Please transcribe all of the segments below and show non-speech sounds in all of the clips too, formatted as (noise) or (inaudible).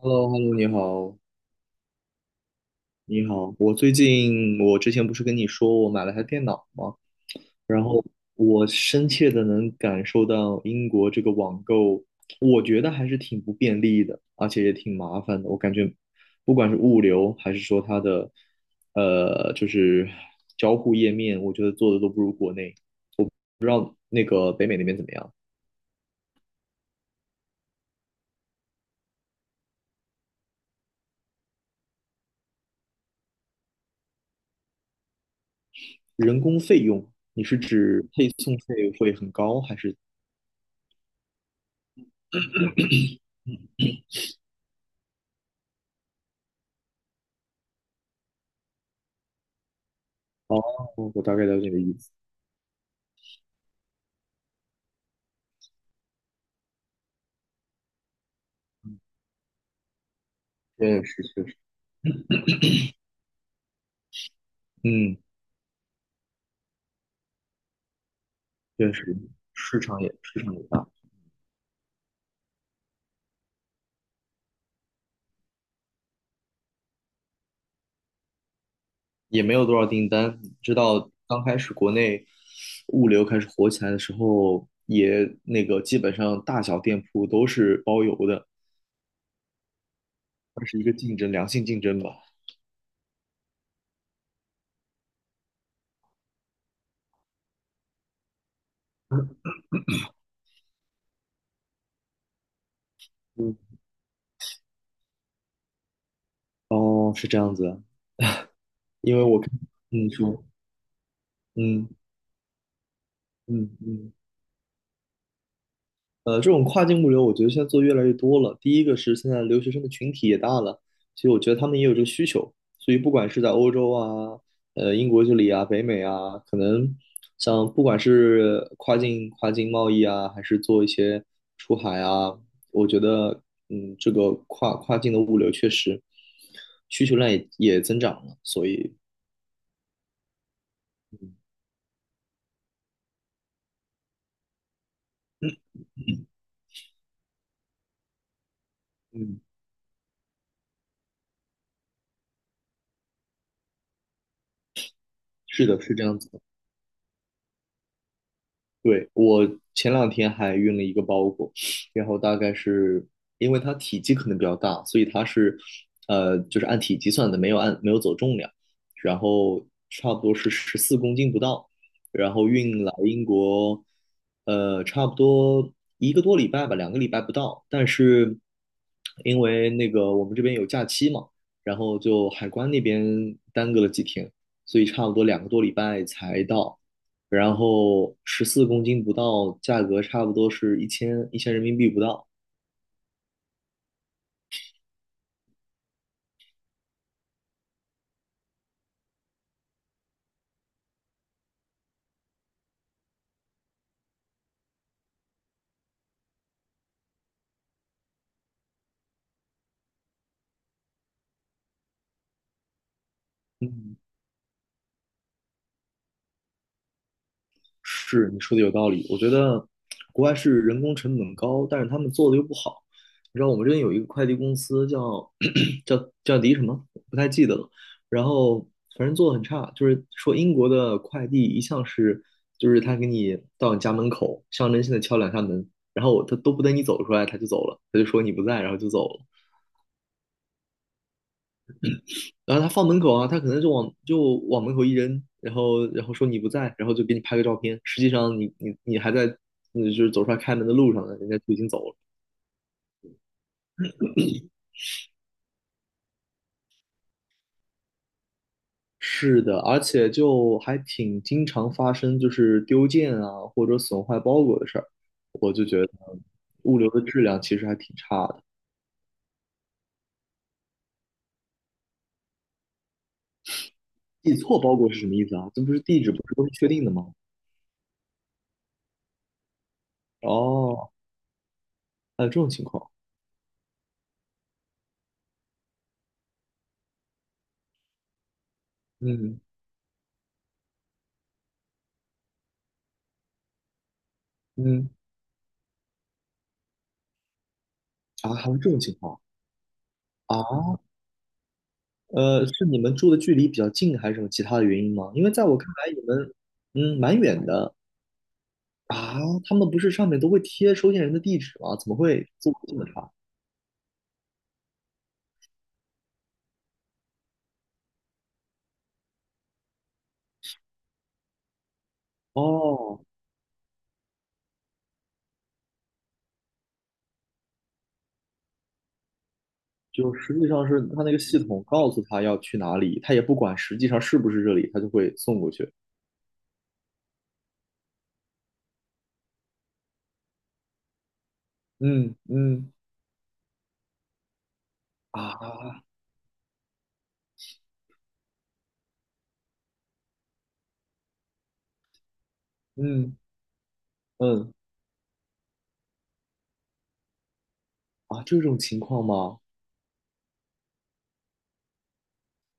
hello hello 你好，你好。我最近，我之前不是跟你说我买了台电脑吗？然后我深切的能感受到英国这个网购，我觉得还是挺不便利的，而且也挺麻烦的。我感觉，不管是物流还是说它的，就是交互页面，我觉得做的都不如国内。不知道那个北美那边怎么样？人工费用，你是指配送费会很高，还是？哦，我大概了解你的意思。确实，确实。嗯，确实，市场也大，也没有多少订单。你知道刚开始国内物流开始火起来的时候，也那个基本上大小店铺都是包邮的，算是一个竞争，良性竞争吧。嗯，哦，是这样子啊。因为我看，嗯，说，嗯嗯嗯。这种跨境物流，我觉得现在做越来越多了。第一个是现在留学生的群体也大了，其实我觉得他们也有这个需求。所以不管是在欧洲啊、英国这里啊、北美啊，可能像不管是跨境贸易啊，还是做一些出海啊，我觉得这个跨境的物流确实需求量也增长了。所以，嗯，嗯嗯，是的，是这样子。对，我前两天还运了一个包裹，然后大概是因为它体积可能比较大，所以它是就是按体积算的，没有走重量，然后差不多是十四公斤不到，然后运来英国，差不多一个多礼拜吧，两个礼拜不到，但是因为那个我们这边有假期嘛，然后就海关那边耽搁了几天，所以差不多两个多礼拜才到。然后十四公斤不到，价格差不多是一千人民币不到。嗯，是你说的有道理，我觉得国外是人工成本高，但是他们做的又不好。你知道我们这边有一个快递公司叫 (clears throat) 叫迪什么，不太记得了。然后反正做的很差，就是说英国的快递一向是，就是他给你到你家门口，象征性的敲两下门，然后他都不等你走出来，他就走了，他就说你不在，然后就走了。然后他放门口啊，他可能就往门口一扔，然后说你不在，然后就给你拍个照片。实际上你还在，就是走出来开门的路上呢，人家就已经走了。是的，而且就还挺经常发生，就是丢件啊或者损坏包裹的事儿。我就觉得物流的质量其实还挺差的。寄错包裹是什么意思啊？这不是地址不是都是确定的吗？哦，还有这种情况，嗯嗯，啊，还有这种情况。啊。是你们住的距离比较近，还是什么其他的原因吗？因为在我看来，你们蛮远的啊。他们不是上面都会贴收件人的地址吗？怎么会这么这么差？哦，就实际上是他那个系统告诉他要去哪里，他也不管实际上是不是这里，他就会送过去。嗯嗯啊嗯嗯啊，这种情况吗？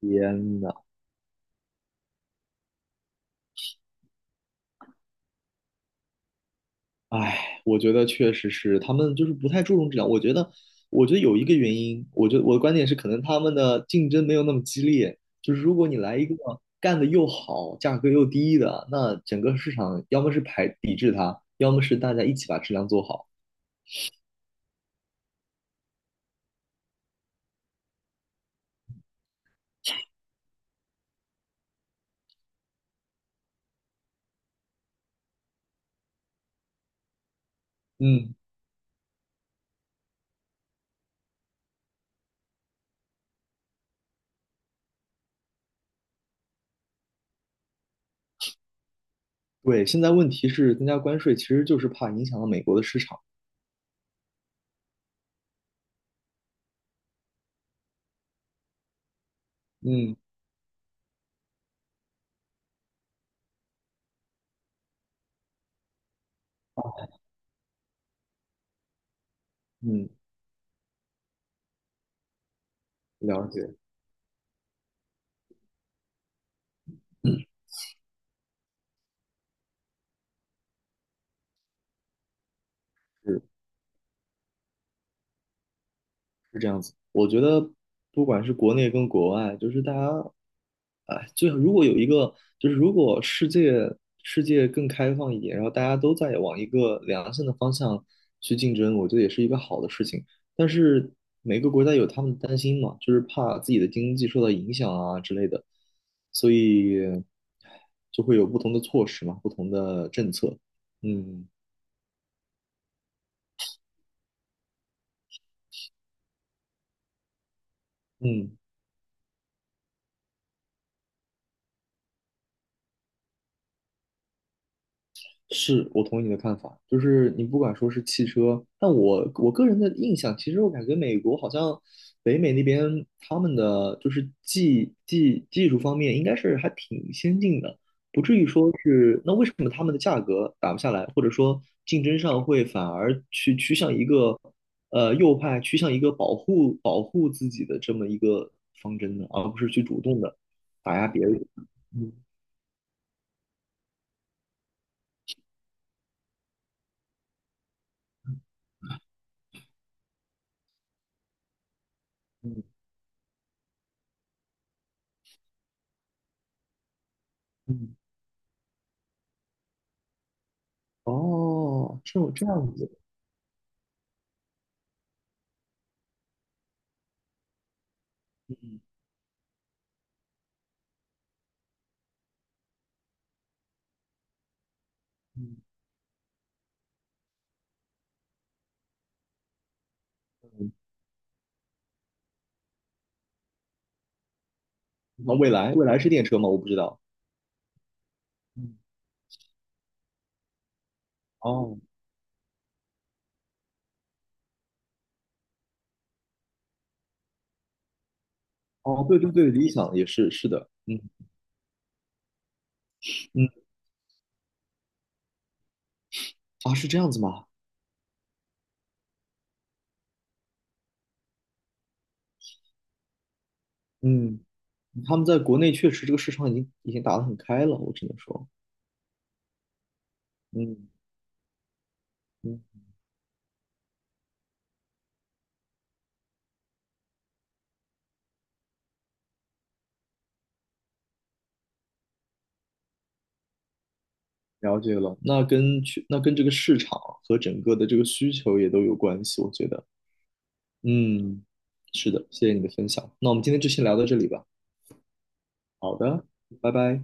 天呐！唉，我觉得确实是他们就是不太注重质量。我觉得，我觉得有一个原因，我觉得我的观点是，可能他们的竞争没有那么激烈。就是如果你来一个干得又好、价格又低的，那整个市场要么是排抵制它，要么是大家一起把质量做好。嗯，对。现在问题是增加关税，其实就是怕影响到美国的市场。嗯嗯，了解。(clears throat) 是。这样子，我觉得不管是国内跟国外，就是大家，哎，最好如果有一个，就是如果世界世界更开放一点，然后大家都在往一个良性的方向去竞争，我觉得也是一个好的事情。但是每个国家有他们的担心嘛，就是怕自己的经济受到影响啊之类的，所以就会有不同的措施嘛，不同的政策。嗯嗯。是我同意你的看法，就是你不管说是汽车，但我我个人的印象，其实我感觉美国好像北美那边他们的就是技术方面应该是还挺先进的，不至于说是那为什么他们的价格打不下来，或者说竞争上会反而去趋向一个右派趋向一个保护保护自己的这么一个方针呢，而不是去主动的打压别人。嗯嗯嗯，哦，这样子。嗯嗯嗯，那未来，未来是电车吗？我不知道。嗯，哦哦，对对对，理想也是是的，嗯嗯啊，是这样子吗？嗯，他们在国内确实这个市场已经打得很开了，我只能说，嗯嗯，了解了。那跟这个市场和整个的这个需求也都有关系，我觉得，嗯，是的，谢谢你的分享。那我们今天就先聊到这里吧。好的，拜拜。